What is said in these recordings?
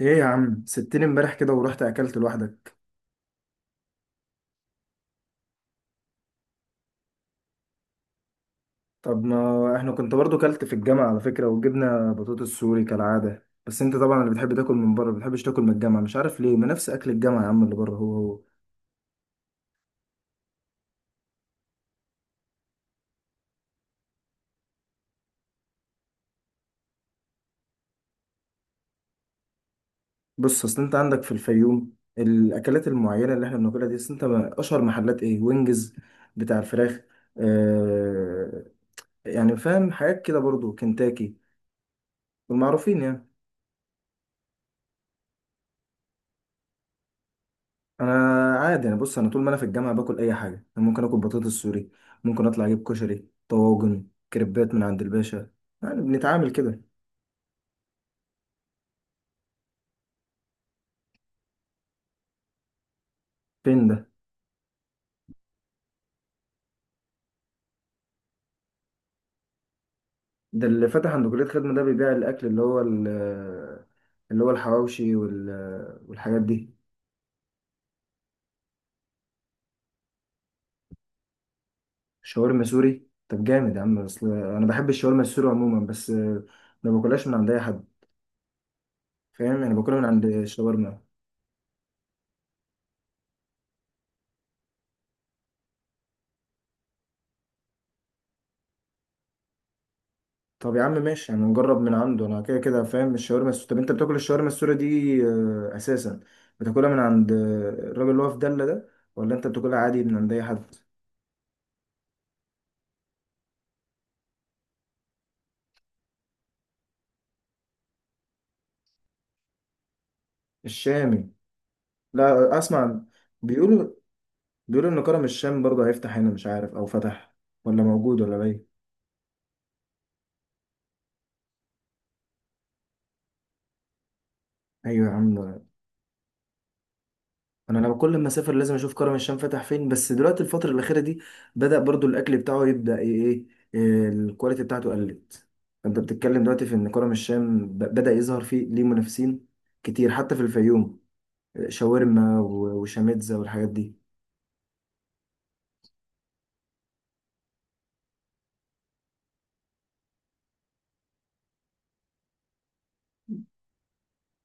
ايه يا عم سبتني امبارح كده ورحت اكلت لوحدك؟ طب ما احنا كنت برضو كلت في الجامعة، على فكرة، وجبنا بطاطس سوري كالعادة. بس انت طبعا اللي بتحب تاكل من بره، ما بتحبش تاكل من الجامعة، مش عارف ليه. ما نفس اكل الجامعة يا عم اللي بره، هو هو. بص، اصل انت عندك في الفيوم الاكلات المعينة اللي احنا بناكلها دي. أصل انت اشهر محلات ايه؟ وينجز، بتاع الفراخ. آه، يعني فاهم حاجات كده برضو، كنتاكي والمعروفين يعني. انا عادي يعني، بص، انا طول ما انا في الجامعه باكل اي حاجه. أنا ممكن اكل بطاطس سوري، ممكن اطلع اجيب كشري، طواجن، كريبات من عند الباشا. يعني بنتعامل كده. فين ده؟ ده اللي فتح عند كليه خدمه ده؟ بيبيع الاكل اللي هو اللي هو الحواوشي والحاجات دي. شاورما سوري، طب جامد يا عم. اصل انا بحب الشاورما السوري عموما، بس ما باكلهاش من عند اي حد، فاهم؟ يعني باكلها من عند شاورما. طب يا عم ماشي، يعني نجرب من عنده، انا كده كده فاهم الشاورما السوري. طب انت بتاكل الشاورما السوري دي اساسا بتاكلها من عند الراجل اللي هو في دلة ده، ولا انت بتاكلها عادي من عند اي حد؟ الشامي؟ لا اسمع. بيقولوا، بيقولوا ان كرم الشام برضه هيفتح هنا، مش عارف او فتح ولا موجود ولا باين. ايوه يا عم. انا انا كل ما اسافر لازم اشوف كرم الشام فتح فين، بس دلوقتي الفتره الاخيره دي بدا برضو الاكل بتاعه يبدا ايه، إيه، الكواليتي بتاعته قلت. فانت بتتكلم دلوقتي في ان كرم الشام بدا يظهر فيه ليه منافسين كتير حتى في الفيوم. شاورما وشاميتزا والحاجات دي.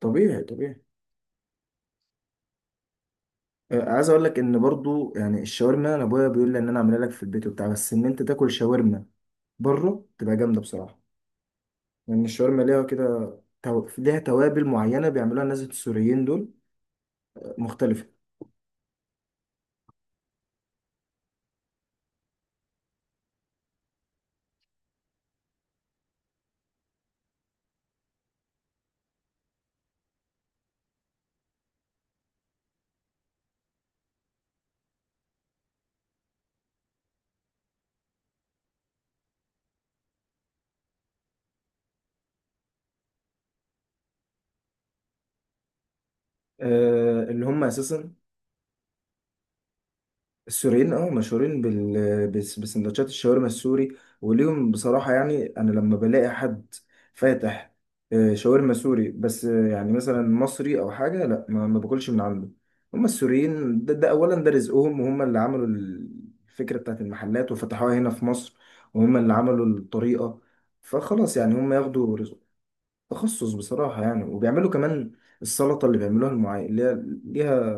طبيعي طبيعي. عايز اقول لك ان برضو يعني الشاورما، انا ابويا بيقول لي ان انا اعملها لك في البيت وبتاع، بس ان انت تاكل شاورما بره تبقى جامده بصراحه. لان الشاورما ليها كده، ليها توابل معينه بيعملوها الناس السوريين دول مختلفة. آه، اللي هم اساسا السوريين، اه، مشهورين بال بسندوتشات الشاورما السوري. وليهم بصراحه يعني، انا لما بلاقي حد فاتح شاورما سوري، بس يعني مثلا مصري او حاجه، لا ما ما باكلش من عنده. هم السوريين ده، ده اولا ده رزقهم، وهم اللي عملوا الفكره بتاعت المحلات وفتحوها هنا في مصر، وهم اللي عملوا الطريقه. فخلاص يعني هم ياخدوا رزق. تخصص بصراحه يعني، وبيعملوا كمان السلطه اللي بيعملوها المعين اللي هي ليها،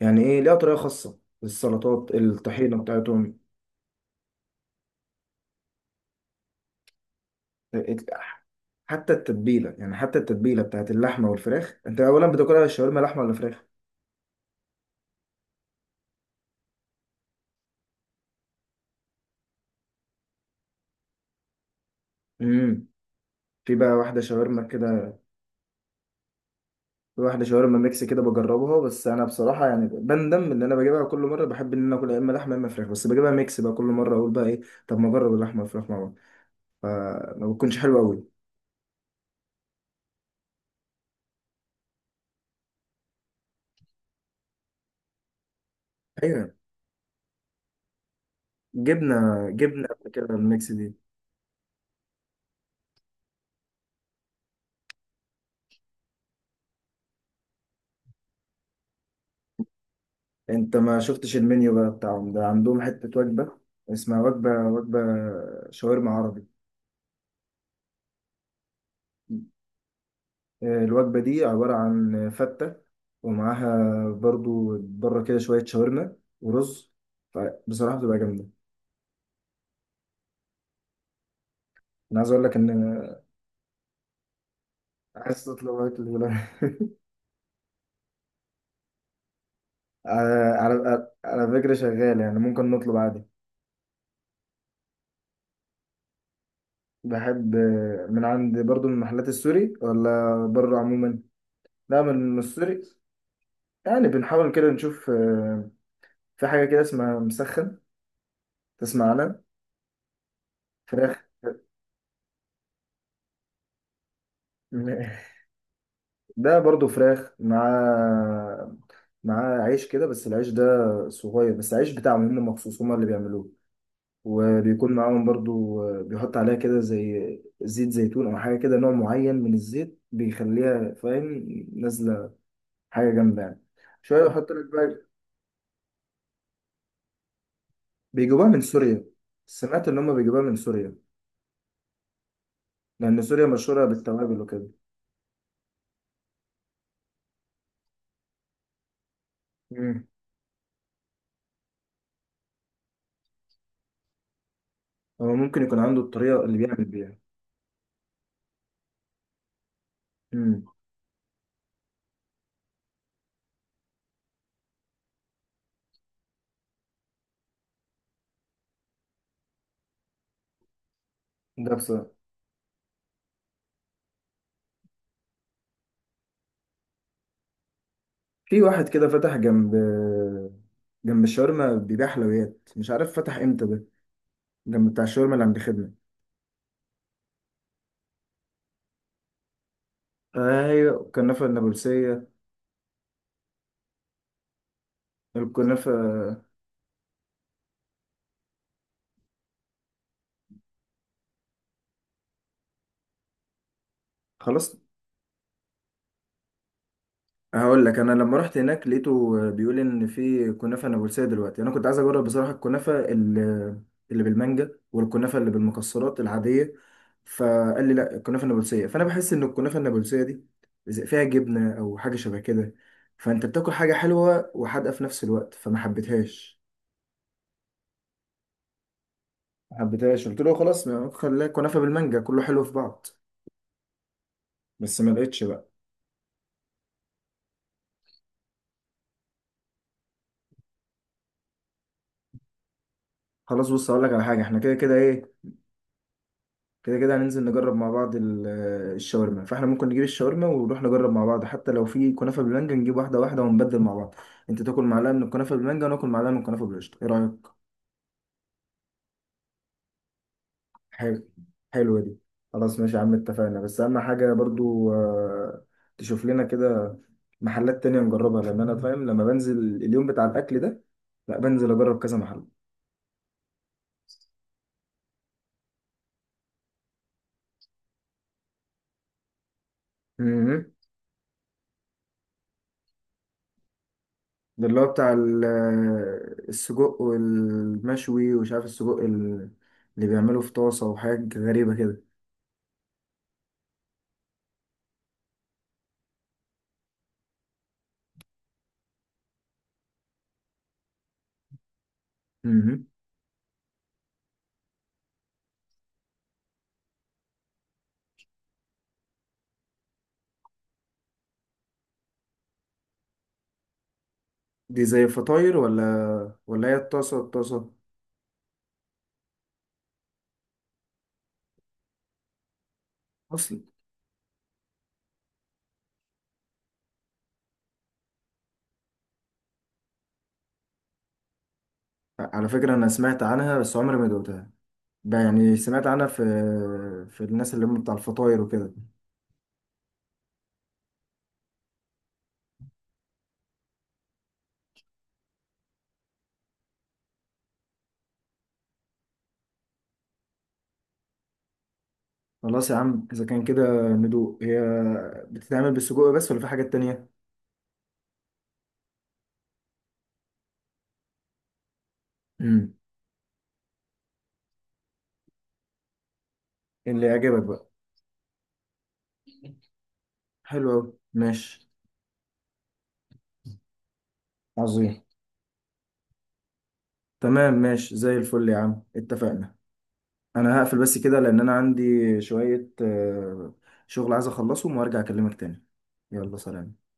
يعني ايه، ليها طريقه خاصه، السلطات الطحينه بتاعتهم. حتى التتبيله، يعني حتى التتبيله بتاعت اللحمه والفراخ. انت اولا بتاكلها شاورما لحمه ولا فراخ؟ امم. في بقى واحده شاورما كده. في واحده شاورما ميكس كده بجربها، بس انا بصراحه يعني بندم ان انا بجيبها كل مره. بحب ان انا اكل يا اما لحمه يا اما فراخ، بس بجيبها ميكس بقى كل مره. اقول بقى ايه، طب ما اجرب اللحمه والفراخ مع بعض. فما بتكونش حلوه قوي. ايوه. جبنه، جبنه قبل كده الميكس دي. انت ما شفتش المنيو بقى بتاعهم ده؟ عندهم حتة وجبة اسمها وجبة، وجبة شاورما عربي. الوجبة دي عبارة عن فتة، ومعاها برضو بره كده شوية شاورما ورز. بصراحة بتبقى جامدة. أنا عايز أقول لك إن، عايز تطلب أكل ولا؟ على، على، على فكرة شغال يعني، ممكن نطلب عادي. بحب من عند برضو من المحلات السوري، ولا بره عموما؟ لا من السوري. يعني بنحاول كده نشوف. في حاجة كده اسمها مسخن، تسمع عنها؟ فراخ. ده برضو فراخ مع، مع عيش كده، بس العيش ده صغير. بس العيش بتاعهم هم مخصوص هم اللي بيعملوه. وبيكون معاهم برضو، بيحط عليها كده زي زيت زيتون أو حاجة كده، نوع معين من الزيت بيخليها فاهم، نازلة. حاجة جامدة يعني، شوية يحط لك بقى. بيجيبوها من سوريا. سمعت إن هم بيجيبوها من سوريا، لأن سوريا مشهورة بالتوابل وكده. مم. هو ممكن يكون عنده الطريقة اللي بيعمل بيها. مم. ده بصراحة، في واحد كده فتح جنب، جنب الشاورما، بيبيع حلويات مش عارف فتح امتى ده. جنب بتاع الشاورما اللي عند خدمة. ايوه، الكنافة النابلسية. الكنافة، خلاص. هقول لك، انا لما رحت هناك لقيته بيقول ان في كنافه نابلسيه دلوقتي. انا كنت عايز اجرب بصراحه الكنافه اللي، اللي بالمانجا والكنافه اللي بالمكسرات العاديه، فقال لي لا الكنافه النابلسيه. فانا بحس ان الكنافه النابلسيه دي فيها جبنه او حاجه شبه كده، فانت بتاكل حاجه حلوه وحادقه في نفس الوقت، فما حبيتهاش. ما حبيتهاش، قلت له خلاص ما خليها كنافه بالمانجا كله حلو في بعض. بس ما لقيتش بقى. خلاص بص اقول لك على حاجه، احنا كده كده ايه، كده كده هننزل نجرب مع بعض الشاورما. فاحنا ممكن نجيب الشاورما ونروح نجرب مع بعض. حتى لو في كنافة بالمانجا نجيب واحدة واحدة ونبدل مع بعض. انت تاكل معلقة من الكنافة بالمانجا وناكل معلقة من الكنافة بالقشطة. ايه رأيك؟ حلو، حلوة دي. خلاص ماشي يا عم، اتفقنا. بس اهم حاجة برضو تشوف لنا كده محلات تانية نجربها، لان انا فاهم لما بنزل اليوم بتاع الاكل ده، لا بنزل اجرب كذا محل. مهم. ده اللي هو بتاع السجق والمشوي، ومش عارف السجق اللي بيعمله في طاسة وحاجات غريبة كده. مهم. دي زي الفطاير ولا، ولا هي الطاسة، الطاسة؟ أصل، على فكرة أنا سمعت عنها بس عمري ما دوقتها. يعني سمعت عنها في، في الناس اللي هم بتاع الفطاير وكده. خلاص يا عم إذا كان كده، ندوق. هي بتتعمل بالسجق بس، ولا في حاجات تانية؟ مم. اللي يعجبك بقى. حلو أوي، ماشي. عظيم. تمام ماشي زي الفل يا عم، اتفقنا. انا هقفل بس كده، لان انا عندي شوية شغل عايز اخلصهم وارجع اكلمك تاني. يلا سلام.